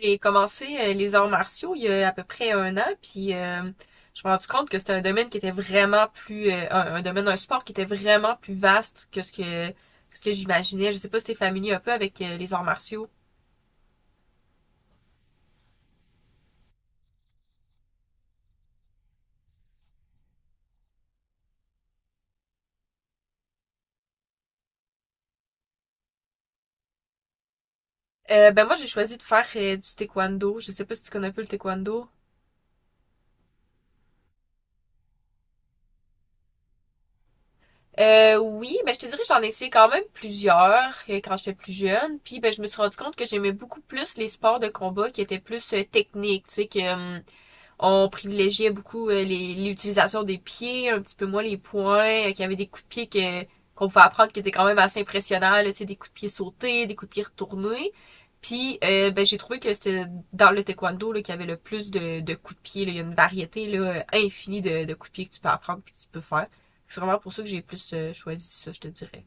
J'ai commencé les arts martiaux il y a à peu près un an, puis je me suis rendu compte que c'était un domaine qui était vraiment plus un sport qui était vraiment plus vaste que ce que j'imaginais. Je sais pas si t'es familier un peu avec les arts martiaux. Ben moi j'ai choisi de faire du taekwondo. Je sais pas si tu connais un peu le taekwondo. Oui, ben je te dirais que j'en ai essayé quand même plusieurs quand j'étais plus jeune. Puis ben je me suis rendu compte que j'aimais beaucoup plus les sports de combat qui étaient plus techniques, tu sais que on privilégiait beaucoup l'utilisation des pieds, un petit peu moins les poings, qu'il y avait des coups de pied qu'on pouvait apprendre qui étaient quand même assez impressionnants, là, tu sais, des coups de pied sautés, des coups de pied retournés. Puis ben, j'ai trouvé que c'était dans le taekwondo là, qu'il y avait le plus de coups de pied. Là. Il y a une variété là, infinie de coups de pied que tu peux apprendre et que tu peux faire. C'est vraiment pour ça que j'ai plus choisi ça, je te dirais.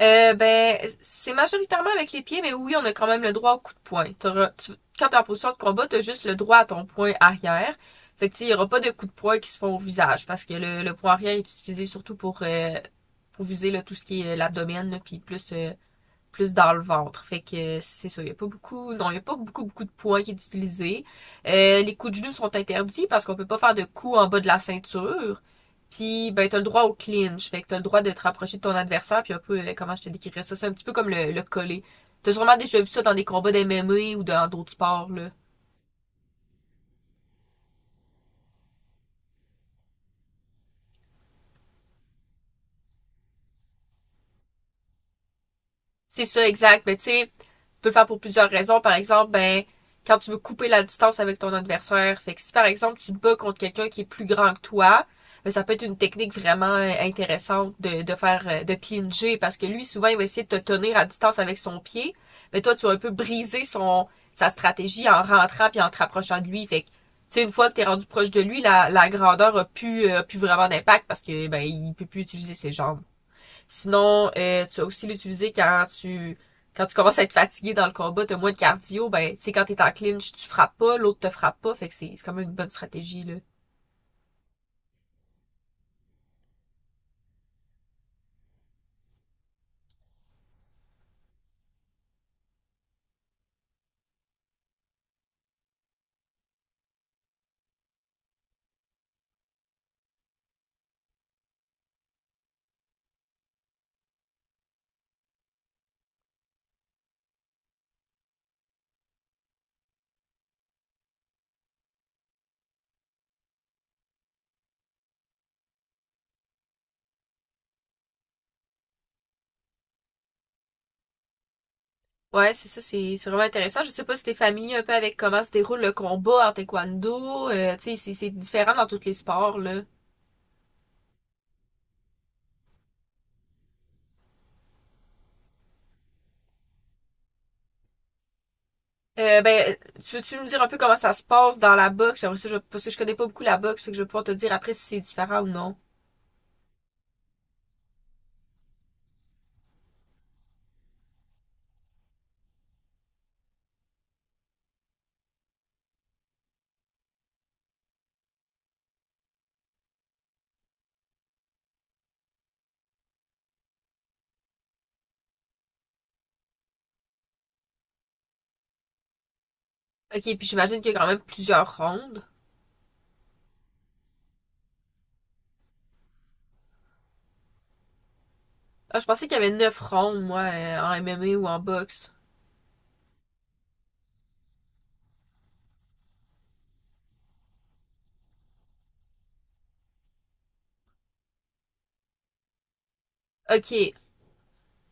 Ben, c'est majoritairement avec les pieds, mais oui, on a quand même le droit au coup de poing. Quand t'es en position de combat, t'as juste le droit à ton poing arrière. Fait que, tu sais, il y aura pas de coups de poing qui se font au visage, parce que le poing arrière est utilisé surtout pour viser là, tout ce qui est l'abdomen, puis plus dans le ventre. Fait que c'est ça, il n'y a pas beaucoup, non, il n'y a pas beaucoup, beaucoup de points qui est utilisé. Les coups de genoux sont interdits parce qu'on peut pas faire de coups en bas de la ceinture. Puis, ben, t'as le droit au clinch. Fait que t'as le droit de te rapprocher de ton adversaire. Puis un peu, comment je te décrirais ça? C'est un petit peu comme le collet. T'as sûrement déjà vu ça dans des combats d'MMA ou dans d'autres sports, là. C'est ça, exact. Mais tu sais, tu peux le faire pour plusieurs raisons. Par exemple, ben, quand tu veux couper la distance avec ton adversaire. Fait que si par exemple tu te bats contre quelqu'un qui est plus grand que toi, ben, ça peut être une technique vraiment intéressante de clinger parce que lui souvent il va essayer de te tenir à distance avec son pied, mais toi tu vas un peu briser son sa stratégie en rentrant puis en te rapprochant de lui. Fait que tu sais une fois que t'es rendu proche de lui, la grandeur a plus vraiment d'impact parce que ben il peut plus utiliser ses jambes. Sinon, tu as aussi l'utiliser quand tu commences à être fatigué dans le combat, t'as moins de cardio, ben tu sais quand t'es en clinch, tu frappes pas, l'autre te frappe pas, fait que c'est quand même une bonne stratégie là. Ouais, c'est ça, c'est vraiment intéressant. Je sais pas si t'es familier un peu avec comment se déroule le combat en taekwondo, tu sais c'est différent dans tous les sports là. Ben, tu veux-tu me dire un peu comment ça se passe dans la boxe? Après ça, parce que je connais pas beaucoup la boxe, fait que je vais pouvoir te dire après si c'est différent ou non. Ok, puis j'imagine qu'il y a quand même plusieurs rondes. Ah, je pensais qu'il y avait 9 rondes, moi, en MMA ou en boxe. Ok.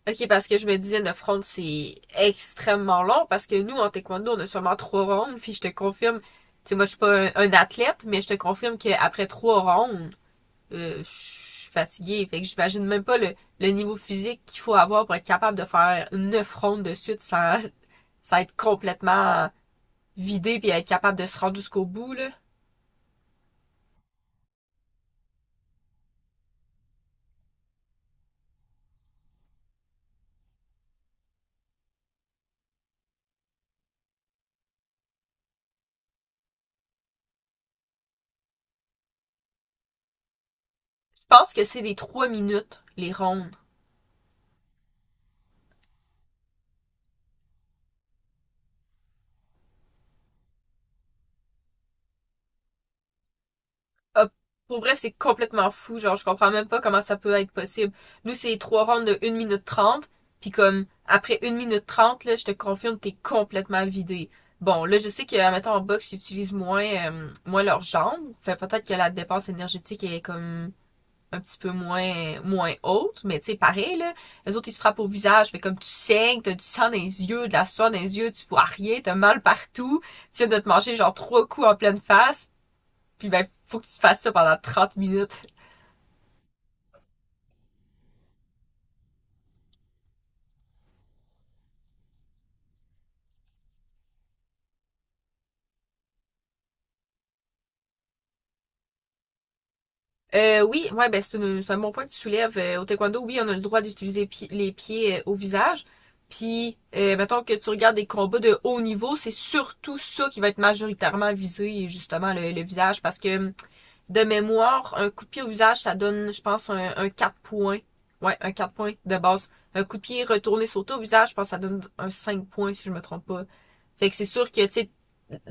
Ok, parce que je me disais 9 rondes, c'est extrêmement long, parce que nous, en taekwondo, on a seulement 3 rondes, puis je te confirme, tu sais, moi, je suis pas un athlète, mais je te confirme qu'après 3 rondes, je suis fatiguée. Fait que j'imagine même pas le niveau physique qu'il faut avoir pour être capable de faire 9 rondes de suite sans être complètement vidé puis être capable de se rendre jusqu'au bout, là. Je pense que c'est des 3 minutes, les rondes. a- pour vrai, c'est complètement fou. Genre, je comprends même pas comment ça peut être possible. Nous, c'est trois rounds de 1 minute 30. Puis comme, après 1 minute 30 là, je te confirme, t'es complètement vidé. Bon, là, je sais que, admettons, en boxe, ils utilisent moins leurs jambes. Fait peut-être que la dépense énergétique est comme un petit peu moins haute. Mais tu sais, pareil, là, les autres, ils se frappent au visage. Mais comme tu saignes, t'as du sang dans les yeux, de la soie dans les yeux, tu vois rien, t'as mal partout. Tu viens de te manger, genre, trois coups en pleine face. Puis ben, faut que tu fasses ça pendant 30 minutes. Oui, ouais, ben, c'est un bon point que tu soulèves. Au taekwondo, oui, on a le droit d'utiliser les pieds au visage. Puis, mettons que tu regardes des combats de haut niveau, c'est surtout ça qui va être majoritairement visé, justement, le visage, parce que de mémoire, un coup de pied au visage, ça donne, je pense, un 4 points. Ouais, un 4 points de base. Un coup de pied retourné sauté au visage, je pense que ça donne un 5 points, si je me trompe pas. Fait que c'est sûr que, tu sais,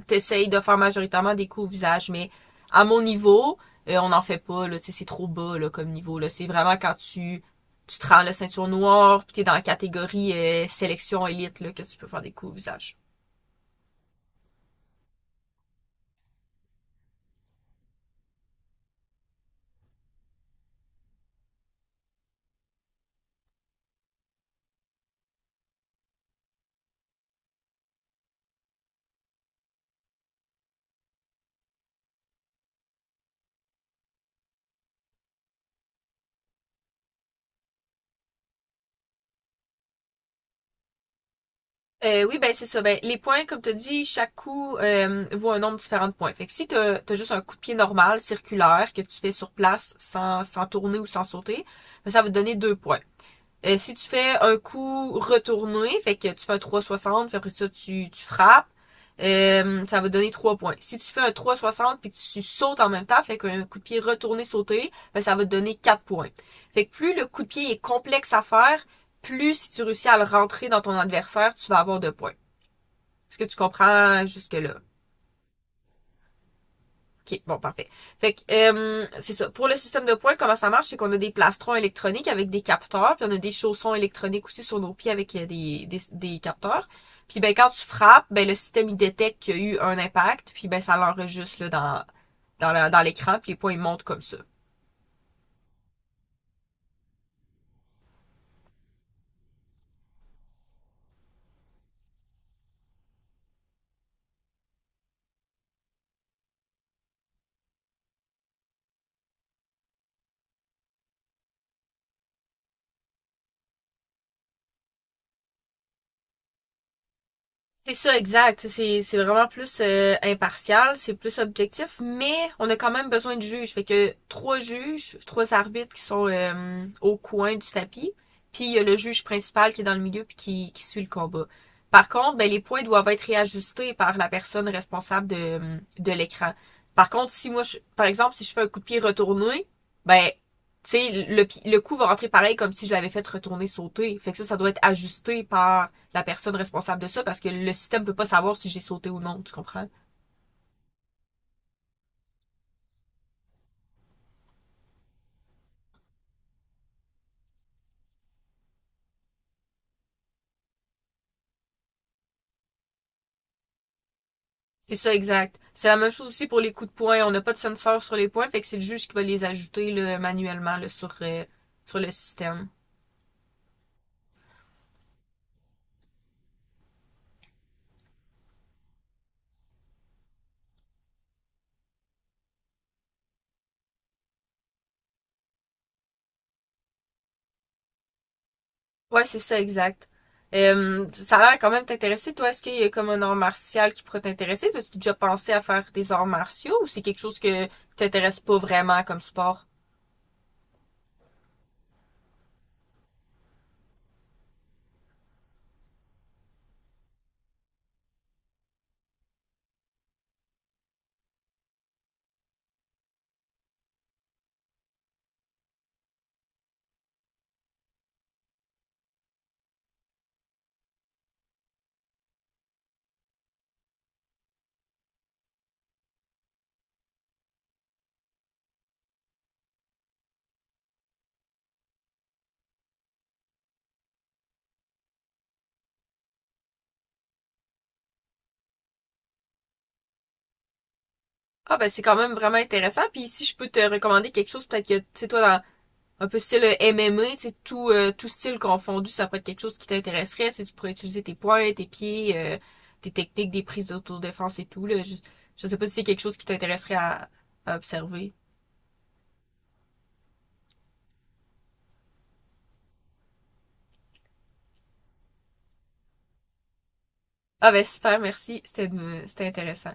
t'essayes de faire majoritairement des coups au visage, mais à mon niveau, on n'en fait pas, là, tu sais, c'est trop bas, là, comme niveau, là. C'est vraiment quand tu te rends la ceinture noire, puis t'es dans la catégorie sélection élite, là, que tu peux faire des coups au visage. Oui, ben c'est ça. Ben, les points, comme tu as dit, chaque coup vaut un nombre différent de points. Fait que si tu as, juste un coup de pied normal, circulaire, que tu fais sur place sans tourner ou sans sauter, ben, ça va te donner deux points. Si tu fais un coup retourné, fait que tu fais un 360, puis après ça, tu frappes, ça va donner 3 points. Si tu fais un 360 puis que tu sautes en même temps, fait qu'un coup de pied retourné sauté, ben, ça va te donner 4 points. Fait que plus le coup de pied est complexe à faire, plus si tu réussis à le rentrer dans ton adversaire, tu vas avoir de points. Est-ce que tu comprends jusque-là? OK, bon, parfait. Fait que, c'est ça. Pour le système de points, comment ça marche, c'est qu'on a des plastrons électroniques avec des capteurs, puis on a des chaussons électroniques aussi sur nos pieds avec des capteurs. Puis ben quand tu frappes, ben le système il détecte qu'il y a eu un impact, puis ben ça l'enregistre là, dans l'écran, puis les points ils montent comme ça. C'est ça, exact. C'est vraiment plus impartial, c'est plus objectif, mais on a quand même besoin de juges. Fait que trois juges, trois arbitres qui sont au coin du tapis, puis il y a le juge principal qui est dans le milieu puis qui suit le combat. Par contre, ben, les points doivent être réajustés par la personne responsable de l'écran. Par contre, si moi, par exemple, si je fais un coup de pied retourné, ben, tu sais, le coup va rentrer pareil comme si je l'avais fait retourner sauter. Fait que ça doit être ajusté par la personne responsable de ça parce que le système peut pas savoir si j'ai sauté ou non, tu comprends? C'est ça, exact. C'est la même chose aussi pour les coups de poing. On n'a pas de sensor sur les points, fait que c'est le juge qui va les ajouter là, manuellement là, sur le système. Ouais, c'est ça, exact. Ça a l'air quand même t'intéresser. Toi, est-ce qu'il y a comme un art martial qui pourrait t'intéresser? T'as-tu déjà pensé à faire des arts martiaux ou c'est quelque chose que t'intéresse pas vraiment comme sport? Ah ben c'est quand même vraiment intéressant. Puis si je peux te recommander quelque chose, peut-être que tu sais toi dans un peu style M MMA, tu sais, tout style confondu, ça pourrait être quelque chose qui t'intéresserait. Tu pourrais utiliser tes poings, tes pieds, tes techniques, des prises d'autodéfense et tout. Là. Je sais pas si c'est quelque chose qui t'intéresserait à observer. Ah ben super, merci. C'était intéressant.